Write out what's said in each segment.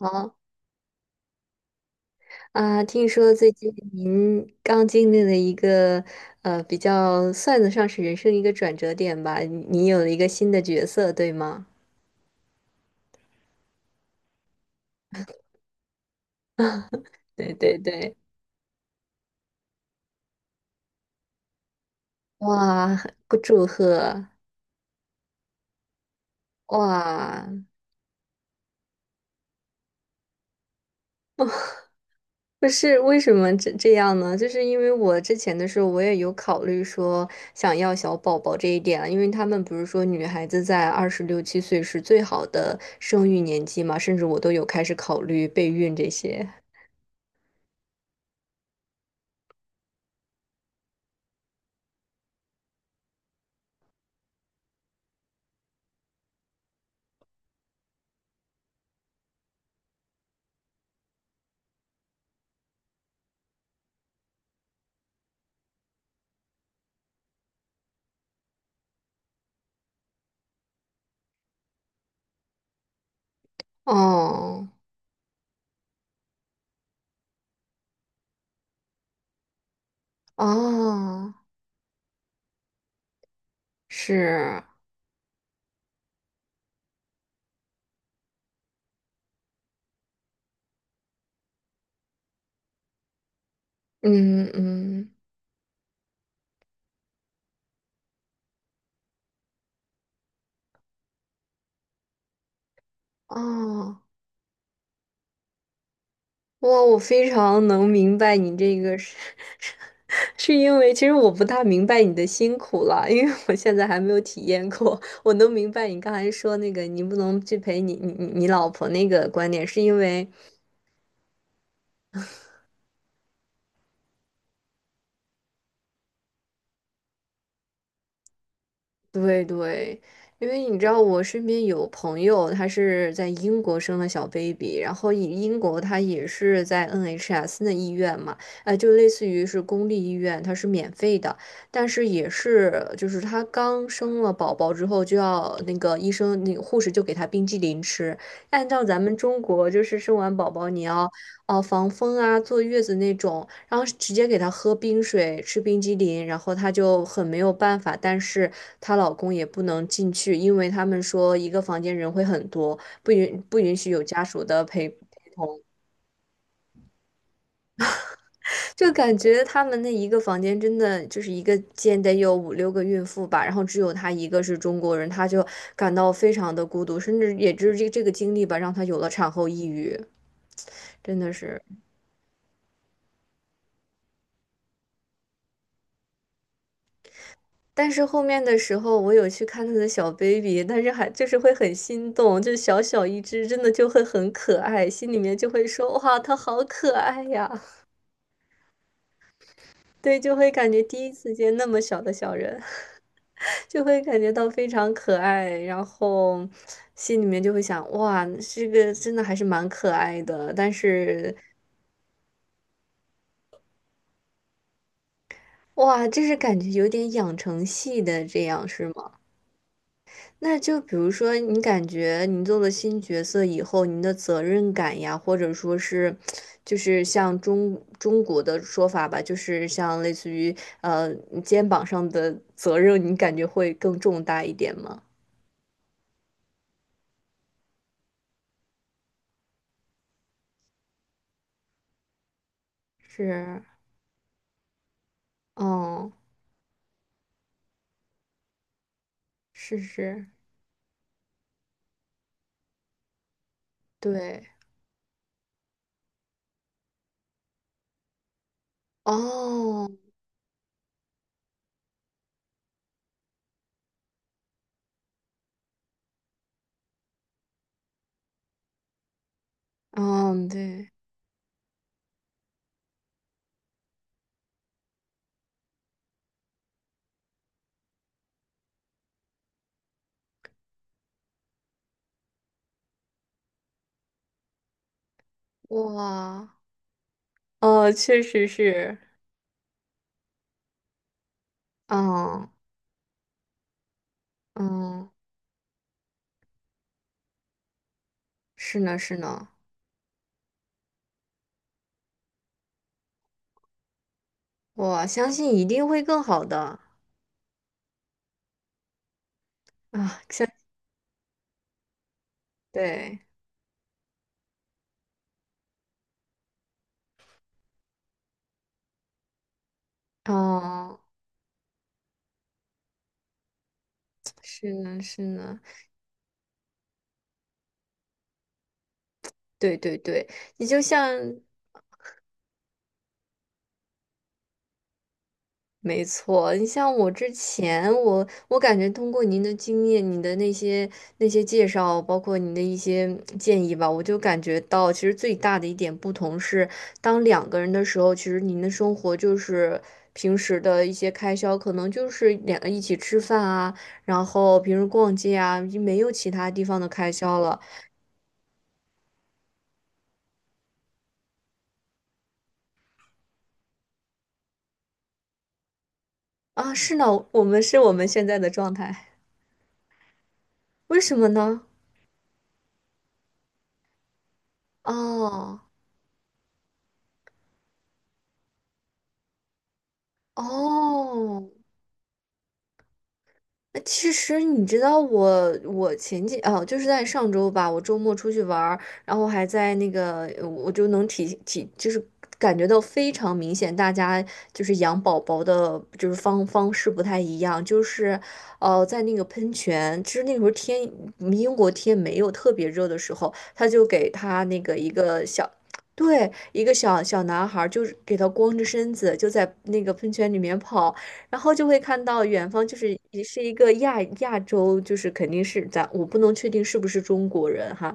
好啊，听说最近您刚经历了一个比较算得上是人生一个转折点吧，你有了一个新的角色，对吗？对对对，哇，祝贺！哇，不是为什么这样呢？就是因为我之前的时候，我也有考虑说想要小宝宝这一点啊，因为他们不是说女孩子在26、7岁是最好的生育年纪嘛，甚至我都有开始考虑备孕这些。哦。哦，是，嗯嗯，哦，哇，我非常能明白你这个是，是因为其实我不大明白你的辛苦了，因为我现在还没有体验过。我能明白你刚才说那个你不能去陪你老婆那个观点，是因为。对对，因为你知道，我身边有朋友，他是在英国生了小 baby，然后以英国他也是在 NHS 的医院嘛，就类似于是公立医院，它是免费的，但是也是就是他刚生了宝宝之后，就要那个医生那个护士就给他冰激凌吃，按照咱们中国就是生完宝宝你要哦，防风啊，坐月子那种，然后直接给她喝冰水，吃冰激凌，然后她就很没有办法。但是她老公也不能进去，因为他们说一个房间人会很多，不允许有家属的陪，就感觉他们那一个房间真的就是一个间得有5、6个孕妇吧，然后只有她一个是中国人，她就感到非常的孤独，甚至也就是这个经历吧，让她有了产后抑郁，真的是。但是后面的时候，我有去看他的小 baby，但是还就是会很心动，就小小一只，真的就会很可爱，心里面就会说：“哇，他好可爱呀！” 对，就会感觉第一次见那么小的小人，就会感觉到非常可爱，然后心里面就会想：“哇，这个真的还是蛮可爱的。”但是，哇，这是感觉有点养成系的，这样是吗？那就比如说，你感觉你做了新角色以后，您的责任感呀，或者说是，就是像中国的说法吧，就是像类似于呃肩膀上的责任，你感觉会更重大一点吗？是，嗯，是是，对，哦，嗯，对，哇，哦，确实是，嗯嗯，是呢是呢，我相信一定会更好的啊，相对。哦，是呢，是呢，对对对，你就像，没错，你像我之前，我感觉通过您的经验，你的那些介绍，包括您的一些建议吧，我就感觉到，其实最大的一点不同是，当两个人的时候，其实您的生活就是平时的一些开销，可能就是两个一起吃饭啊，然后平时逛街啊，已经没有其他地方的开销了啊。是呢，我们是我们现在的状态。为什么呢？哦哦，其实你知道我，我哦，就是在上周吧，我周末出去玩儿，然后还在那个，我就能就是感觉到非常明显，大家就是养宝宝的，就是方式不太一样，就是哦在那个喷泉，其实那时候天，英国天没有特别热的时候，他就给他那个一个小。对，一个小小男孩儿，就是给他光着身子，就在那个喷泉里面跑，然后就会看到远方就是也是一个亚洲，就是肯定是咱我不能确定是不是中国人哈，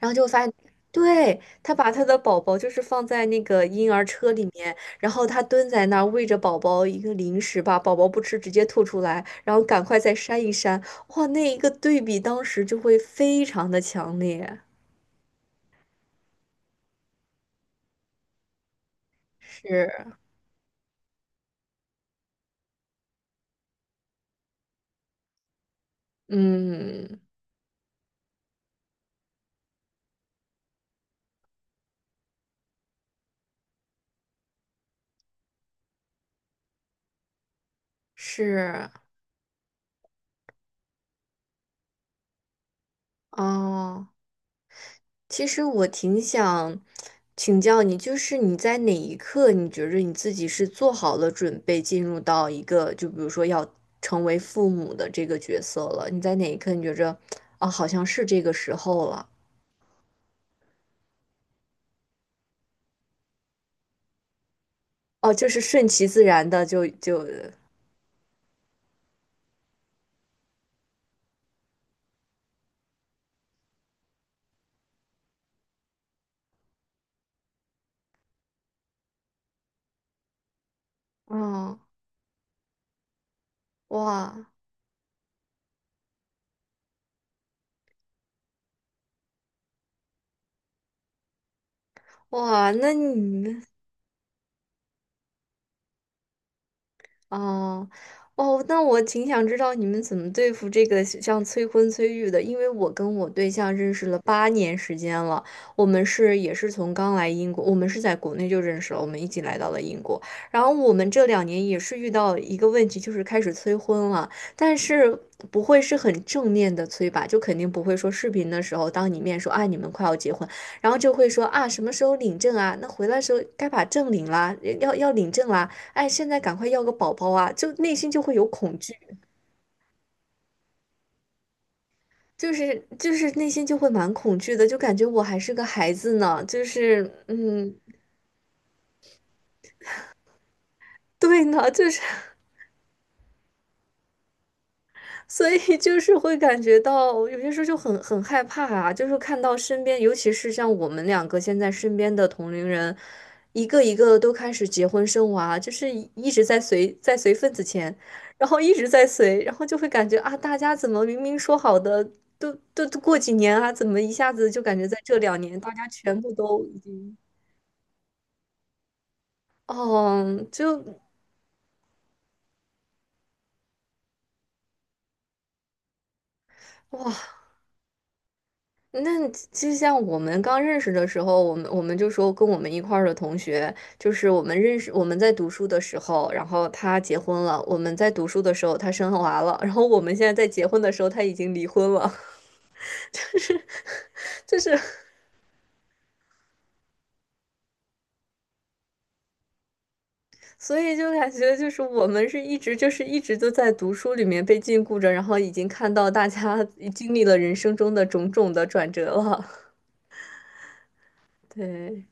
然后就会发现，对，他把他的宝宝就是放在那个婴儿车里面，然后他蹲在那儿喂着宝宝一个零食吧，宝宝不吃直接吐出来，然后赶快再扇一扇，哇，那一个对比当时就会非常的强烈，是，嗯，是，哦。其实我挺想请教你，就是你在哪一刻，你觉着你自己是做好了准备进入到一个，就比如说要成为父母的这个角色了？你在哪一刻你觉着，啊，好像是这个时候了，哦，就是顺其自然的就，哦，哇哇，那你。哦，哦，那我挺想知道你们怎么对付这个像催婚催育的，因为我跟我对象认识了8年时间了，我们是也是从刚来英国，我们是在国内就认识了，我们一起来到了英国，然后我们这两年也是遇到一个问题，就是开始催婚了，但是不会是很正面的催吧，就肯定不会说视频的时候当你面说啊你们快要结婚，然后就会说啊什么时候领证啊，那回来的时候该把证领啦，要领证啦。哎，现在赶快要个宝宝啊，就内心就会有恐惧，就是内心就会蛮恐惧的，就感觉我还是个孩子呢，就是嗯，对呢，就是所以 就是会感觉到有些时候就很害怕啊，就是看到身边，尤其是像我们两个现在身边的同龄人，一个一个都开始结婚生娃，就是一直在随份子钱，然后一直在随，然后就会感觉啊，大家怎么明明说好的都过几年啊，怎么一下子就感觉在这两年大家全部都已经，哦，就哇，那就像我们刚认识的时候，我们就说跟我们一块儿的同学，就是我们认识我们在读书的时候，然后他结婚了；我们在读书的时候，他生娃了；然后我们现在在结婚的时候，他已经离婚了。就是，所以就感觉就是我们是一直就是一直都在读书里面被禁锢着，然后已经看到大家 经历了人生中的种种的转折了。对，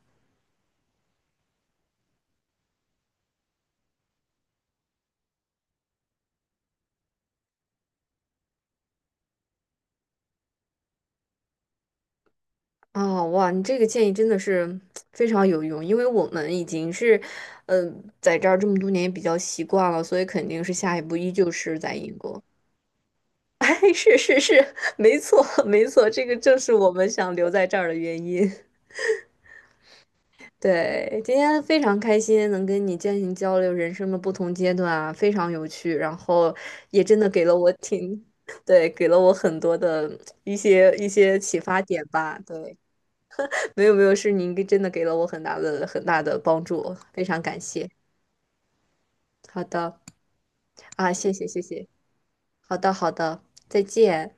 哦，哇，你这个建议真的是非常有用，因为我们已经是，嗯、在这儿这么多年也比较习惯了，所以肯定是下一步依旧是在英国。哎，是是是，没错没错，这个正是我们想留在这儿的原因。对，今天非常开心能跟你进行交流人生的不同阶段啊，非常有趣，然后也真的给了我挺，对，给了我很多的一些启发点吧，对。没有没有，是您给真的给了我很大的很大的帮助，非常感谢。好的啊，谢谢谢谢。好的好的，再见。